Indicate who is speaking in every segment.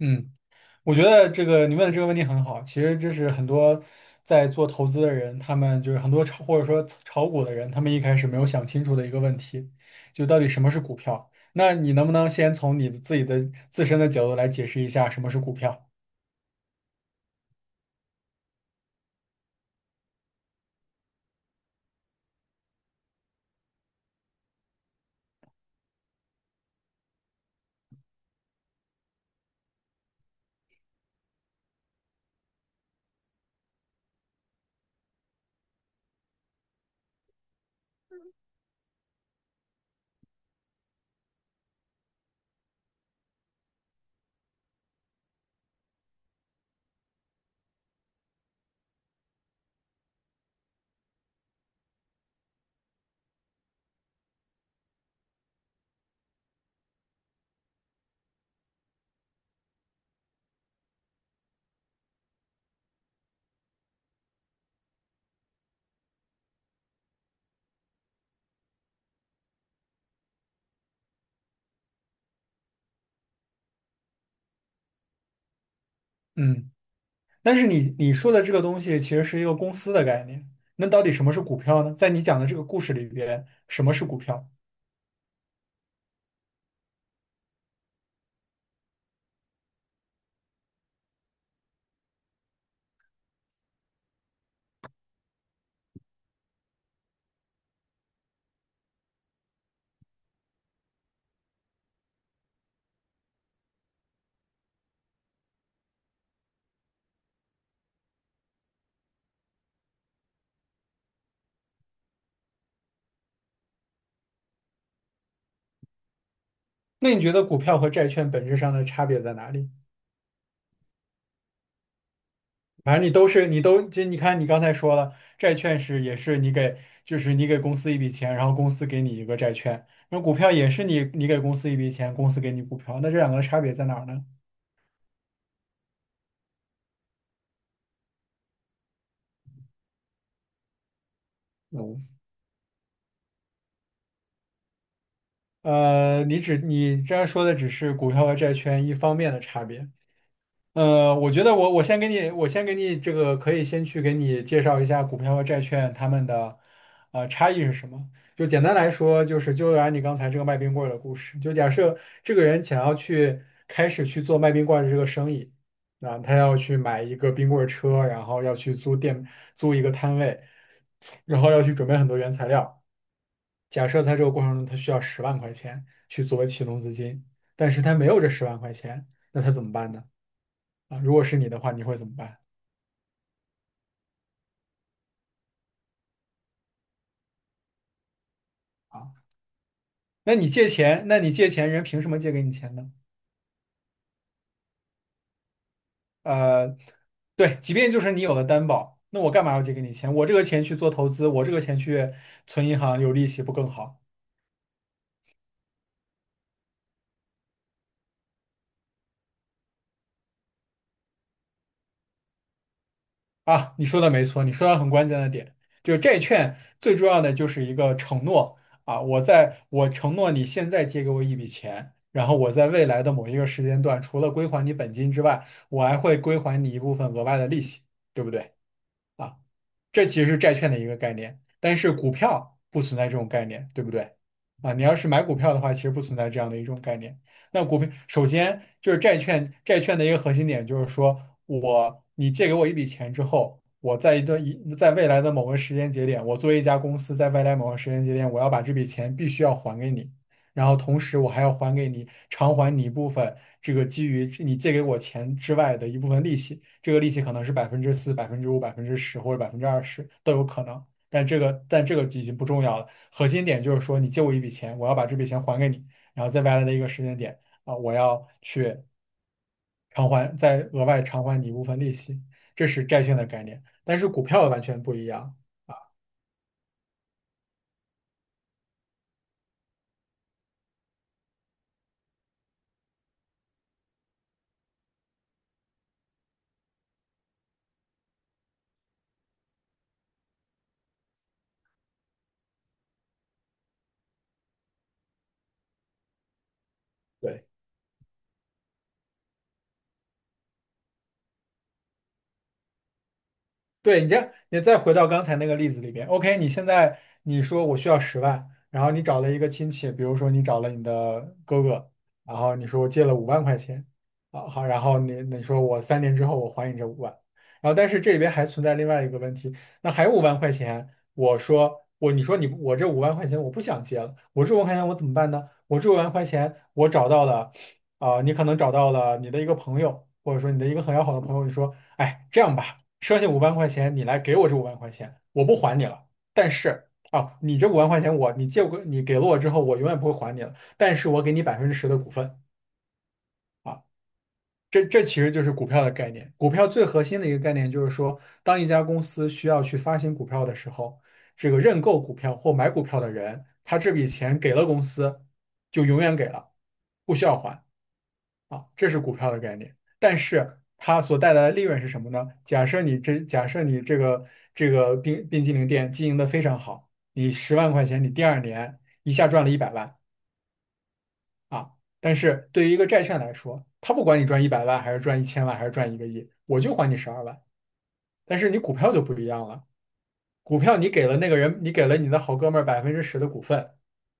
Speaker 1: 嗯，我觉得这个你问的这个问题很好。其实这是很多在做投资的人，他们就是很多炒或者说炒股的人，他们一开始没有想清楚的一个问题，就到底什么是股票？那你能不能先从自己的自身的角度来解释一下什么是股票？嗯，但是你说的这个东西其实是一个公司的概念，那到底什么是股票呢？在你讲的这个故事里边，什么是股票？那你觉得股票和债券本质上的差别在哪里？反正你都是你都就你看你刚才说了，债券是也是你给就是你给公司一笔钱，然后公司给你一个债券，那股票也是你给公司一笔钱，公司给你股票，那这两个差别在哪儿呢？嗯你这样说的只是股票和债券一方面的差别，我觉得我先给你，我先给你这个先去给你介绍一下股票和债券它们的差异是什么。就简单来说，就是就按你刚才这个卖冰棍儿的故事，就假设这个人想要去开始去做卖冰棍儿的这个生意，啊，他要去买一个冰棍儿车，然后要去租一个摊位，然后要去准备很多原材料。假设在这个过程中他需要十万块钱去作为启动资金，但是他没有这十万块钱，那他怎么办呢？啊，如果是你的话，你会怎么办？啊，那你借钱，人凭什么借给你钱呢？呃，对，即便就是你有了担保，那我干嘛要借给你钱？我这个钱去做投资，我这个钱去存银行有利息不更好啊？你说的没错，你说到很关键的点，就是债券最重要的就是一个承诺啊，我承诺你现在借给我一笔钱，然后我在未来的某一个时间段，除了归还你本金之外，我还会归还你一部分额外的利息，对不对？啊，这其实是债券的一个概念，但是股票不存在这种概念，对不对？啊，你要是买股票的话，其实不存在这样的一种概念。那股票首先就是债券，债券的一个核心点就是说你借给我一笔钱之后，我在一段一在未来的某个时间节点，我作为一家公司，在未来某个时间节点，我要把这笔钱必须要还给你。然后同时我还要还给你偿还你一部分这个基于你借给我钱之外的一部分利息，这个利息可能是4%、5%、百分之十或者20%都有可能，但这个已经不重要了，核心点就是说你借我一笔钱，我要把这笔钱还给你，然后在未来的一个时间点啊，我要去偿还，再额外偿还你一部分利息，这是债券的概念，但是股票完全不一样。对。对，你这样，你再回到刚才那个例子里边，OK，你现在你说我需要十万，然后你找了一个亲戚，比如说你找了你的哥哥，然后你说我借了五万块钱，啊好，然后你说我3年之后我还你这五万，然后但是这里边还存在另外一个问题，那还有五万块钱，我说我你说你我这五万块钱我不想借了，我这五万块钱我怎么办呢？我这五万块钱我找到了，啊、你可能找到了你的一个朋友，或者说你的一个很要好的朋友，你说，哎，这样吧。剩下五万块钱，你来给我这五万块钱，我不还你了。但是啊，你这五万块钱我，你借我，你给了我之后，我永远不会还你了。但是我给你百分之十的股份啊，这其实就是股票的概念。股票最核心的一个概念就是说，当一家公司需要去发行股票的时候，这个认购股票或买股票的人，他这笔钱给了公司，就永远给了，不需要还。啊，这是股票的概念。但是它所带来的利润是什么呢？假设你这个冰激凌店经营的非常好，你十万块钱，你第二年一下赚了一百万啊。但是对于一个债券来说，它不管你赚一百万还是赚一千万还是赚1亿，我就还你12万。但是你股票就不一样了，股票你给了那个人，你给了你的好哥们儿百分之十的股份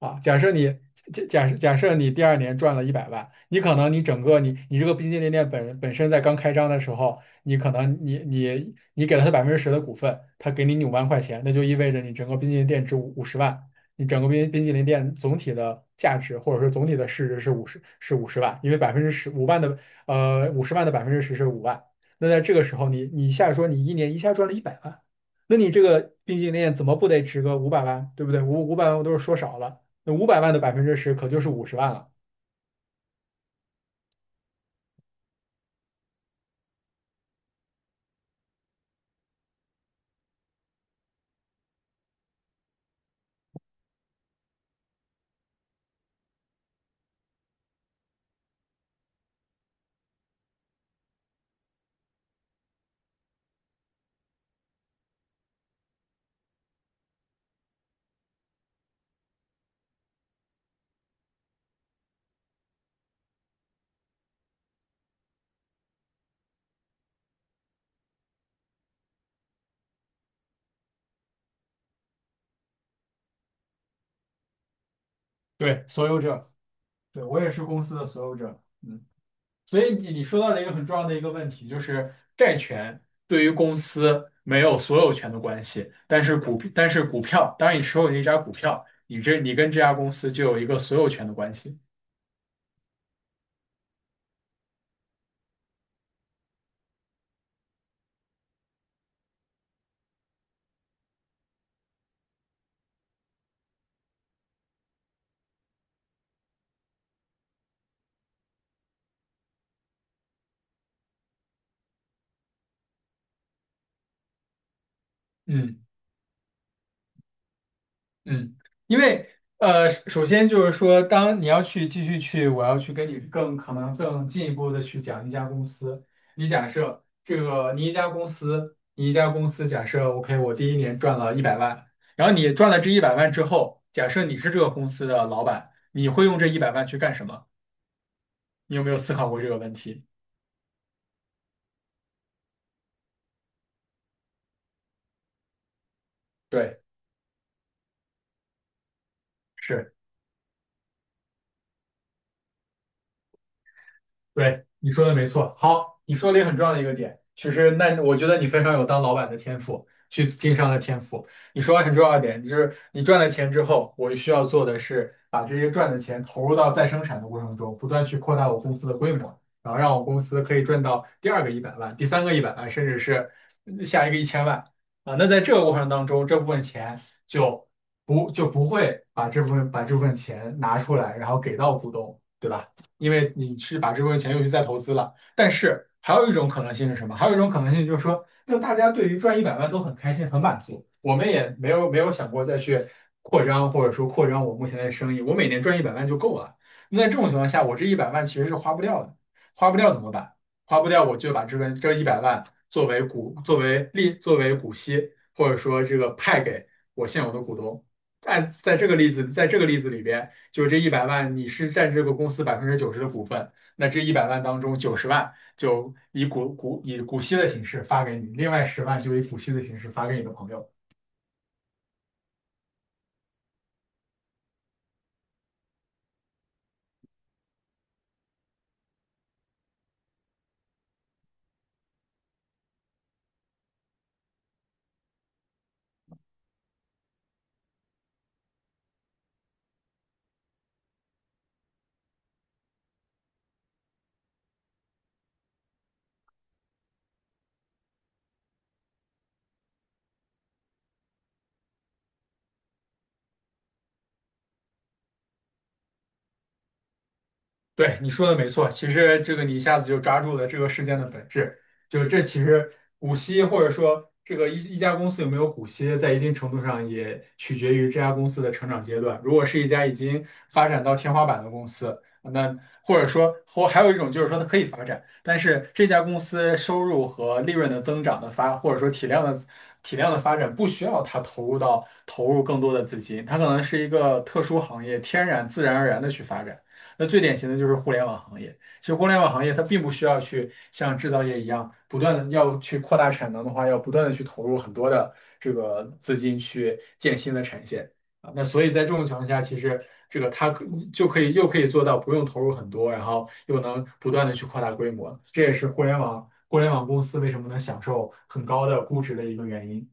Speaker 1: 啊。假设你第二年赚了一百万，你可能你整个你你这个冰淇淋店本身在刚开张的时候，你可能你你你给了他百分之十的股份，他给你五万块钱，那就意味着你整个冰淇淋店值五十万，你整个冰淇淋店总体的价值或者说总体的市值是五十万，因为百分之十五万的五十万的百分之十是五万。那在这个时候你一下说你一年一下赚了一百万。那你这个冰淇淋店怎么不得值个五百万，对不对？五百万我都是说少了，那五百万的百分之十可就是五十万了。对，所有者，对，我也是公司的所有者，嗯，所以你说到了一个很重要的一个问题，就是债权对于公司没有所有权的关系，但是股票，当你持有一家股票，你跟这家公司就有一个所有权的关系，嗯。嗯，因为首先就是说，当你要去继续去，我要去跟你更更进一步的去讲一家公司。你假设这个你一家公司，你一家公司假设 OK，我第一年赚了一百万，然后你赚了这一百万之后，假设你是这个公司的老板，你会用这一百万去干什么？你有没有思考过这个问题？对。是。对，你说的没错。好，你说了一个很重要的一个点，其实那我觉得你非常有当老板的天赋，去经商的天赋。你说了很重要的点，就是你赚了钱之后，我需要做的是把这些赚的钱投入到再生产的过程中，不断去扩大我公司的规模，然后让我公司可以赚到第二个一百万、第三个一百万，甚至是下一个一千万啊。那在这个过程当中，这部分钱就就不会把这部分钱拿出来，然后给到股东，对吧？因为你是把这部分钱又去再投资了。但是还有一种可能性是什么？还有一种可能性就是说，那大家对于赚一百万都很开心、很满足，我们也没有想过再去扩张，或者说扩张我目前的生意，我每年赚一百万就够了。那在这种情况下，我这一百万其实是花不掉的，花不掉怎么办？花不掉我就把这一百万作为股息，或者说这个派给我现有的股东。在这个例子里边。就是这一百万你是占这个公司90%的股份，那这一百万当中90万就以股息的形式发给你，另外十万就以股息的形式发给你的朋友。对，你说的没错，其实这个你一下子就抓住了这个事件的本质，就是这其实股息或者说这个一家公司有没有股息，在一定程度上也取决于这家公司的成长阶段。如果是一家已经发展到天花板的公司，那或者说或还有一种就是说它可以发展，但是这家公司收入和利润的增长的发，或者说体量的发展不需要它投入更多的资金，它可能是一个特殊行业，天然自然而然的去发展。那最典型的就是互联网行业。其实互联网行业它并不需要去像制造业一样不断的要去扩大产能的话，要不断的去投入很多的这个资金去建新的产线啊。那所以在这种情况下，其实这个就可以又可以做到不用投入很多，然后又能不断的去扩大规模。这也是互联网公司为什么能享受很高的估值的一个原因。